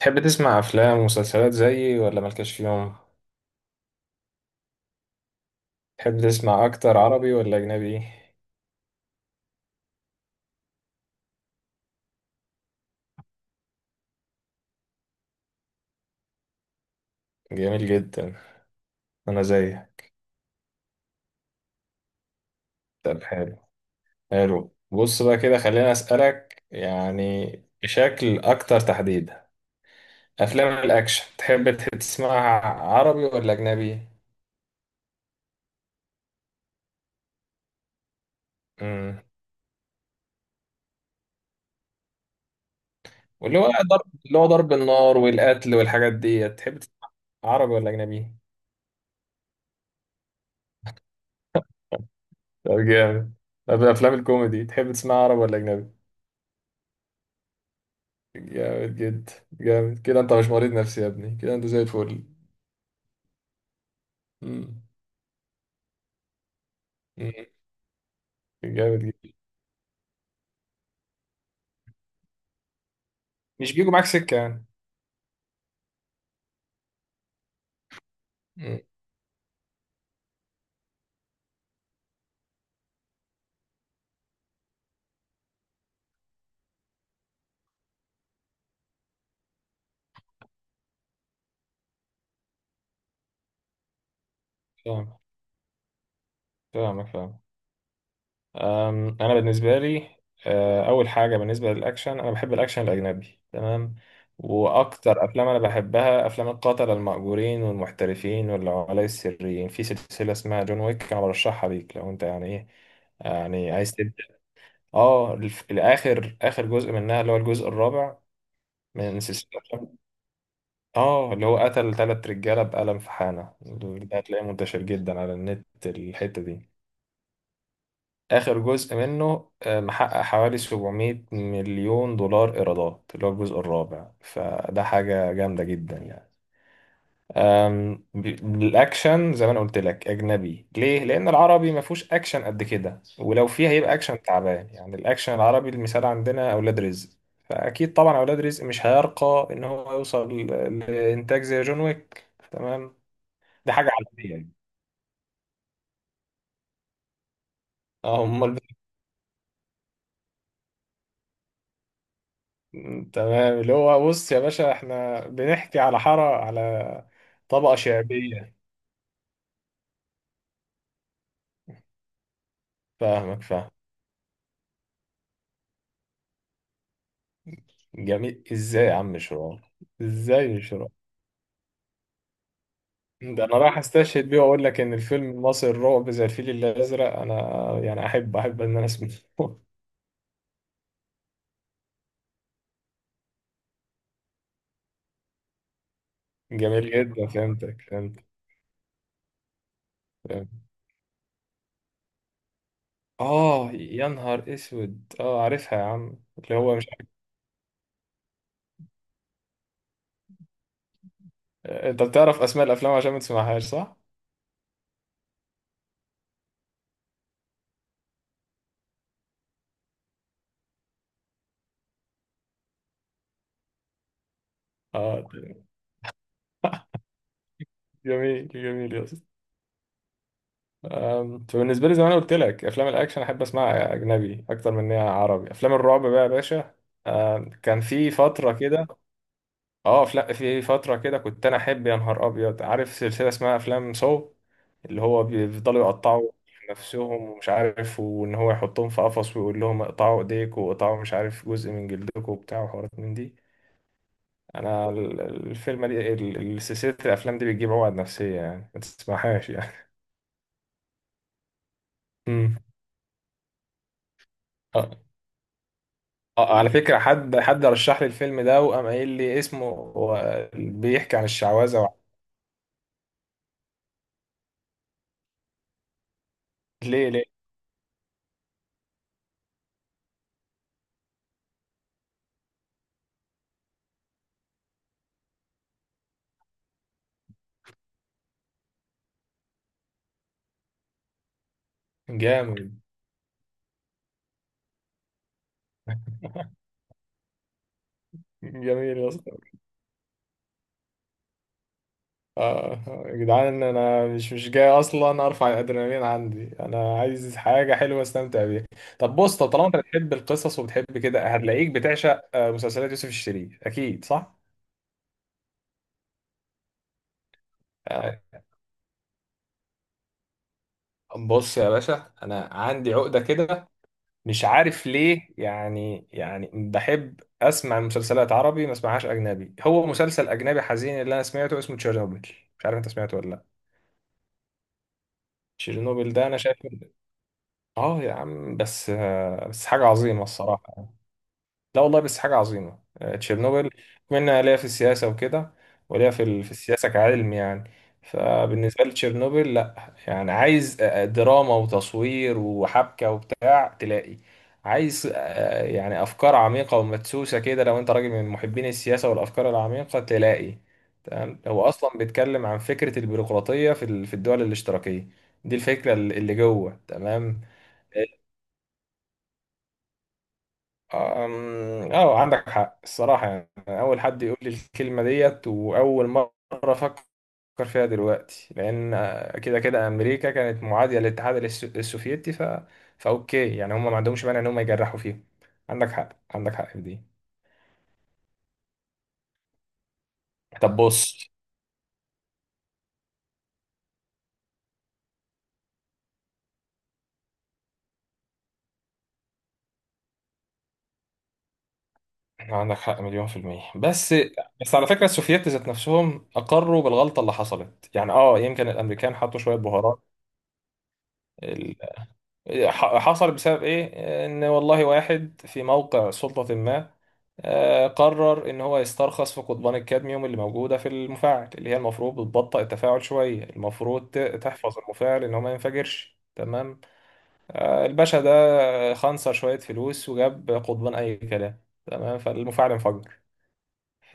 تحب تسمع أفلام ومسلسلات زيي ولا مالكش فيهم؟ تحب تسمع أكتر عربي ولا أجنبي؟ جميل جدا، أنا زيك. طب حلو. حلو، بص بقى كده خليني أسألك يعني بشكل أكتر تحديدا. أفلام الأكشن تحب تسمعها عربي ولا أجنبي؟ امم واللي هو ضرب، اللي هو ضرب النار والقتل والحاجات دي، تحب تسمع عربي ولا أجنبي؟ طب جامد. طب أفلام الكوميدي تحب تسمع عربي ولا أجنبي؟ جامد جدا. جامد كده، انت مش مريض نفسي يا ابني، كده انت زي الفل. مم. مم. جامد جدا. مش بيجوا معاك سكة يعني. مم. فاهمك. فاهمك فاهم. انا بالنسبة لي اول حاجة بالنسبة للاكشن، انا بحب الاكشن الاجنبي، تمام. واكتر افلام انا بحبها، افلام القتلة المأجورين والمحترفين والعملاء السريين، في سلسلة اسمها جون ويك، انا برشحها ليك لو انت يعني ايه، يعني عايز تبدأ. اه الاخر، اخر جزء منها اللي هو الجزء الرابع من سلسلة. اه، اللي هو قتل تلات رجالة بقلم في حانة. ده هتلاقيه منتشر جدا على النت، الحتة دي آخر جزء منه. محقق حوالي 700 مليون دولار إيرادات، اللي هو الجزء الرابع، فده حاجة جامدة جدا يعني. الأكشن زي ما أنا قلت لك أجنبي. ليه؟ لأن العربي ما فيهوش أكشن قد كده، ولو فيه هيبقى أكشن تعبان يعني. الأكشن العربي، المثال عندنا أولاد رزق، فأكيد طبعا أولاد رزق مش هيرقى إن هو يوصل لإنتاج زي جون ويك. تمام، دي حاجة عالمية يعني. اه امال. تمام، اللي هو بص يا باشا، احنا بنحكي على حارة، على طبقة شعبية. فاهمك فاهم. جميل، ازاي يا عم شرار، ازاي مش شرار. ده انا رايح استشهد بيه واقول لك ان الفيلم المصري الرعب زي الفيل الازرق، انا يعني احب، احب ان انا اسمعه. جميل جدا، فهمتك فهمت. فهمت. اه، يا نهار اسود، اه عارفها يا عم، اللي هو مش عارف. انت بتعرف اسماء الافلام عشان ما تسمعهاش، صح؟ اه. جميل جميل يا اسطى. انت بالنسبه لي زي ما انا قلت لك، افلام الاكشن احب اسمعها اجنبي اكتر من انها عربي. افلام الرعب بقى يا باشا، آه كان في فتره كده، اه افلام في فتره كده كنت انا احب، يا نهار ابيض، عارف سلسله اسمها افلام سو، اللي هو بيفضلوا يقطعوا نفسهم ومش عارف، وان هو يحطهم في قفص ويقول لهم اقطعوا ايديك، واقطعوا مش عارف جزء من جلدكم وبتاع، وحوارات من دي. انا الفيلم دي، سلسله الافلام دي بتجيب عقد نفسيه يعني، ما تسمعهاش يعني. امم اه. على فكرة حد رشح لي الفيلم ده وقام قايل لي اسمه، هو بيحكي عن الشعوذة ليه ليه؟ جامد. جميل يا اسطى. اه يا جدعان، انا مش جاي اصلا ارفع الادرينالين عندي، انا عايز حاجة حلوة استمتع بيها. طب بص، طب طالما انت بتحب القصص وبتحب كده، هتلاقيك بتعشق مسلسلات يوسف الشريف، اكيد صح. آه، بص يا باشا، انا عندي عقدة كده مش عارف ليه يعني. يعني بحب اسمع المسلسلات عربي، ما اسمعهاش اجنبي. هو مسلسل اجنبي حزين اللي انا سمعته اسمه تشيرنوبل، مش عارف انت سمعته ولا لا. تشيرنوبل، ده انا شايف اه يا عم بس بس حاجه عظيمه الصراحه يعني. لا والله، بس حاجة عظيمة تشيرنوبل. بما إن أنا ليا في السياسة وكده، وليا في في السياسة كعلم يعني، فبالنسبة لي تشيرنوبل، لا يعني عايز دراما وتصوير وحبكة وبتاع، تلاقي عايز يعني أفكار عميقة ومدسوسة كده. لو أنت راجل من محبين السياسة والأفكار العميقة، تلاقي تمام، هو أصلا بيتكلم عن فكرة البيروقراطية في في الدول الاشتراكية، دي الفكرة اللي اللي جوه تمام. اه عندك حق الصراحة يعني، أنا أول حد يقول لي الكلمة ديت وأول مرة أفكر فيها دلوقتي، لأن كده كده أمريكا كانت معادية للاتحاد السوفيتي، فأوكي يعني، هم ما عندهمش مانع إن هم يجرحوا فيهم. عندك حق، عندك حق في دي. طب بص، عندك حق مليون في المية. بس بس على فكرة السوفييت ذات نفسهم أقروا بالغلطة اللي حصلت يعني، اه يمكن الأمريكان حطوا شوية بهارات. حصل بسبب ايه؟ ان والله واحد في موقع سلطة ما قرر ان هو يسترخص في قضبان الكادميوم اللي موجودة في المفاعل، اللي هي المفروض بتبطئ التفاعل شوية، المفروض تحفظ المفاعل ان هو ما ينفجرش، تمام. الباشا ده خنصر شوية فلوس وجاب قضبان اي كلام، تمام، فالمفاعل انفجر.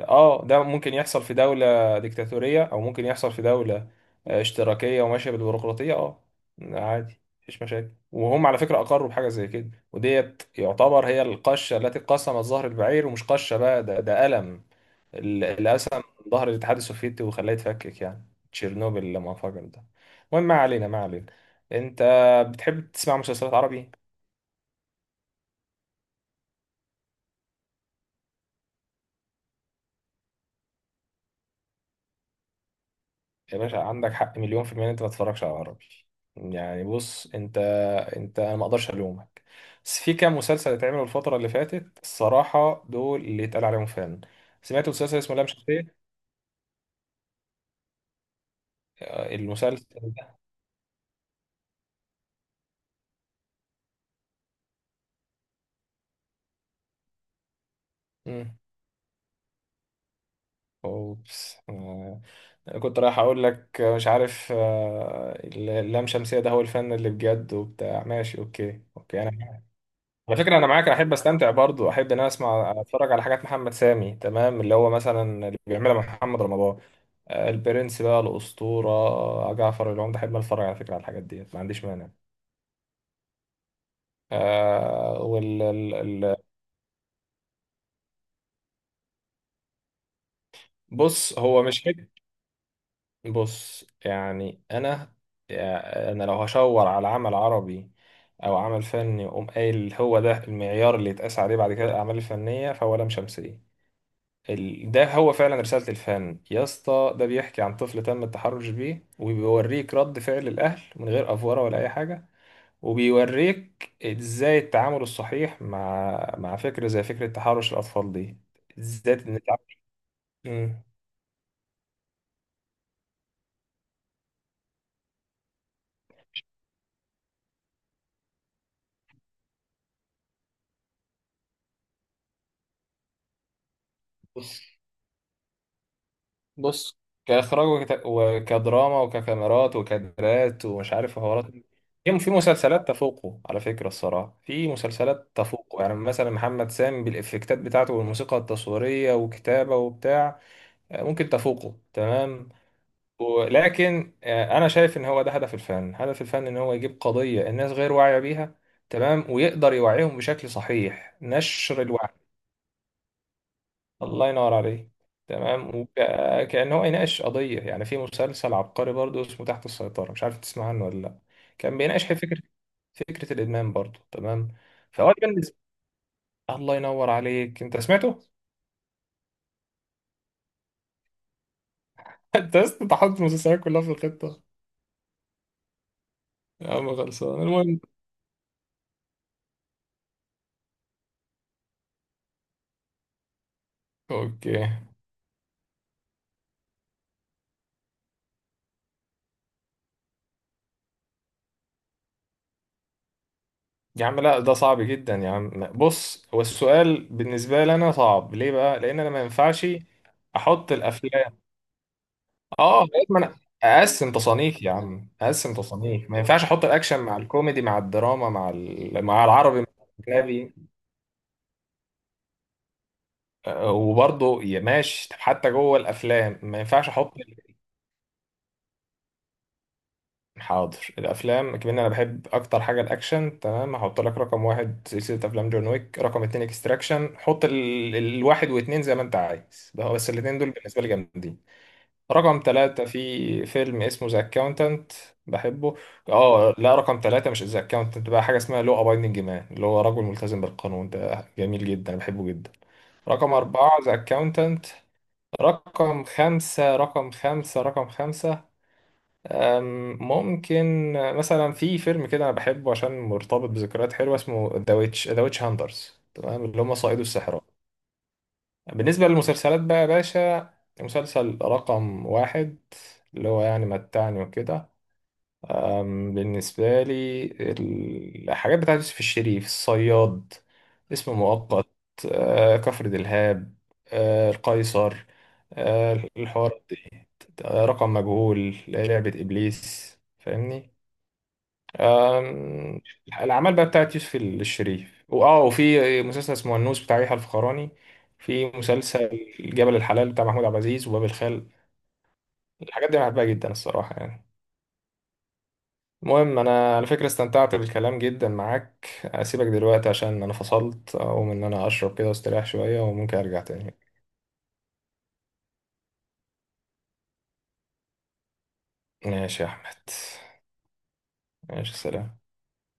اه، ده ممكن يحصل في دولة ديكتاتورية، او ممكن يحصل في دولة اشتراكية وماشية بالبيروقراطية، اه عادي، مفيش مشاكل. وهم على فكرة اقروا بحاجة زي كده، وديت يعتبر هي القشة التي قسمت ظهر البعير، ومش قشة بقى، ده ده ألم. اللي قسم ظهر الاتحاد السوفيتي وخلاه يتفكك يعني، تشيرنوبل لما انفجر ده. المهم ما علينا، ما علينا. انت بتحب تسمع مسلسلات عربي، يا باشا عندك حق مليون في المية إن انت ما تتفرجش على عربي. يعني بص انت، انت انا ما اقدرش الومك، بس في كام مسلسل اتعملوا الفترة اللي فاتت، الصراحة دول اللي اتقال عليهم فن. سمعت مسلسل اسمه لام شمسية؟ المسلسل ده، مم. اوبس. أنا كنت رايح اقول لك مش عارف اللام شمسية ده هو الفن اللي بجد وبتاع. ماشي اوكي اوكي، انا على فكرة أنا معاك، أنا أحب أستمتع برضو، أحب إن أنا أسمع أتفرج على حاجات محمد سامي، تمام، اللي هو مثلا اللي بيعملها محمد رمضان. البرنس بقى، الأسطورة، جعفر العمدة، أحب أتفرج على فكرة، على الحاجات ديت، ما عنديش مانع. آه ال- بص هو مش حك. بص يعني أنا، يعني أنا لو هشاور على عمل عربي أو عمل فني وأقوم قايل هو ده المعيار اللي يتقاس عليه بعد كده الأعمال الفنية، فهو لام شمسية. ده هو فعلا رسالة الفن يا اسطى. ده بيحكي عن طفل تم التحرش بيه، وبيوريك رد فعل الأهل من غير أفورة ولا أي حاجة، وبيوريك ازاي التعامل الصحيح مع مع فكرة زي فكرة تحرش الأطفال دي، ازاي نتعامل. مم. بص. بص، كإخراج وكدراما وككاميرات وكادرات ومش عارف حوارات، في في مسلسلات تفوقه على فكرة، الصراحة في مسلسلات تفوقه يعني، مثلا محمد سامي بالإفكتات بتاعته والموسيقى التصويرية وكتابة وبتاع، ممكن تفوقه تمام. ولكن انا شايف ان هو ده هدف الفن، هدف الفن ان هو يجيب قضية الناس غير واعية بيها، تمام، ويقدر يوعيهم بشكل صحيح، نشر الوعي. الله ينور عليه. تمام، وكأن هو يناقش قضية يعني. في مسلسل عبقري برضو اسمه تحت السيطرة، مش عارف تسمع عنه ولا لا. كان بيناقش فكرة، فكرة الإدمان برضو، تمام. فهو بالنسبة، الله ينور عليك، انت سمعته؟ انت لسه تحط المسلسلات كلها في الخطة. يا عم خلصان، المهم اوكي. يا عم لا، ده صعب جدا يا عم. بص، هو السؤال بالنسبة لي أنا صعب ليه بقى؟ لأن أنا ما ينفعش أحط الأفلام، آه لغاية ما أنا أقسم تصانيف يا عم، أقسم تصانيف. ما ينفعش أحط الأكشن مع الكوميدي مع الدراما مع مع العربي مع الأجنبي. وبرضه يا ماشي، طب حتى جوه الأفلام ما ينفعش أحط. حاضر، الافلام كمان انا بحب اكتر حاجه الاكشن، تمام، هحط لك رقم واحد سلسله افلام جون ويك. رقم اتنين اكستراكشن، حط الواحد واتنين زي ما انت عايز، ده هو بس الاتنين دول بالنسبه لي جامدين. رقم تلاتة، في فيلم اسمه ذا اكاونتنت، بحبه. اه لا، رقم تلاتة مش ذا اكاونتنت بقى، حاجه اسمها لو ابايندنج مان، اللي هو رجل ملتزم بالقانون، ده جميل جدا بحبه جدا. رقم أربعة ذا أكاونتنت. رقم خمسة، رقم خمسة، رقم خمسة، ممكن مثلا في فيلم كده انا بحبه عشان مرتبط بذكريات حلوه، اسمه ذا ويتش، ذا ويتش هانترز، تمام، اللي هم صائدو السحرة. بالنسبه للمسلسلات بقى يا باشا، مسلسل رقم واحد، اللي هو يعني متعني وكده، بالنسبه لي الحاجات بتاعت يوسف الشريف، الصياد، اسم مؤقت، كفر دلهاب، القيصر، الحوار دي، رقم مجهول، لعبه ابليس، فاهمني. أم، الأعمال بقى بتاعت يوسف الشريف، وآه وفي مسلسل اسمه النوس بتاع يحيى الفخراني، في مسلسل جبل الحلال بتاع محمود عبد العزيز، وباب الخال. الحاجات دي أنا بحبها جدا الصراحة يعني. المهم، أنا على فكرة استمتعت بالكلام جدا معاك، أسيبك دلوقتي عشان أنا فصلت، أقوم إن أنا أشرب كده واستريح شوية، وممكن أرجع تاني. ماشي يا أحمد. ماشي سلام.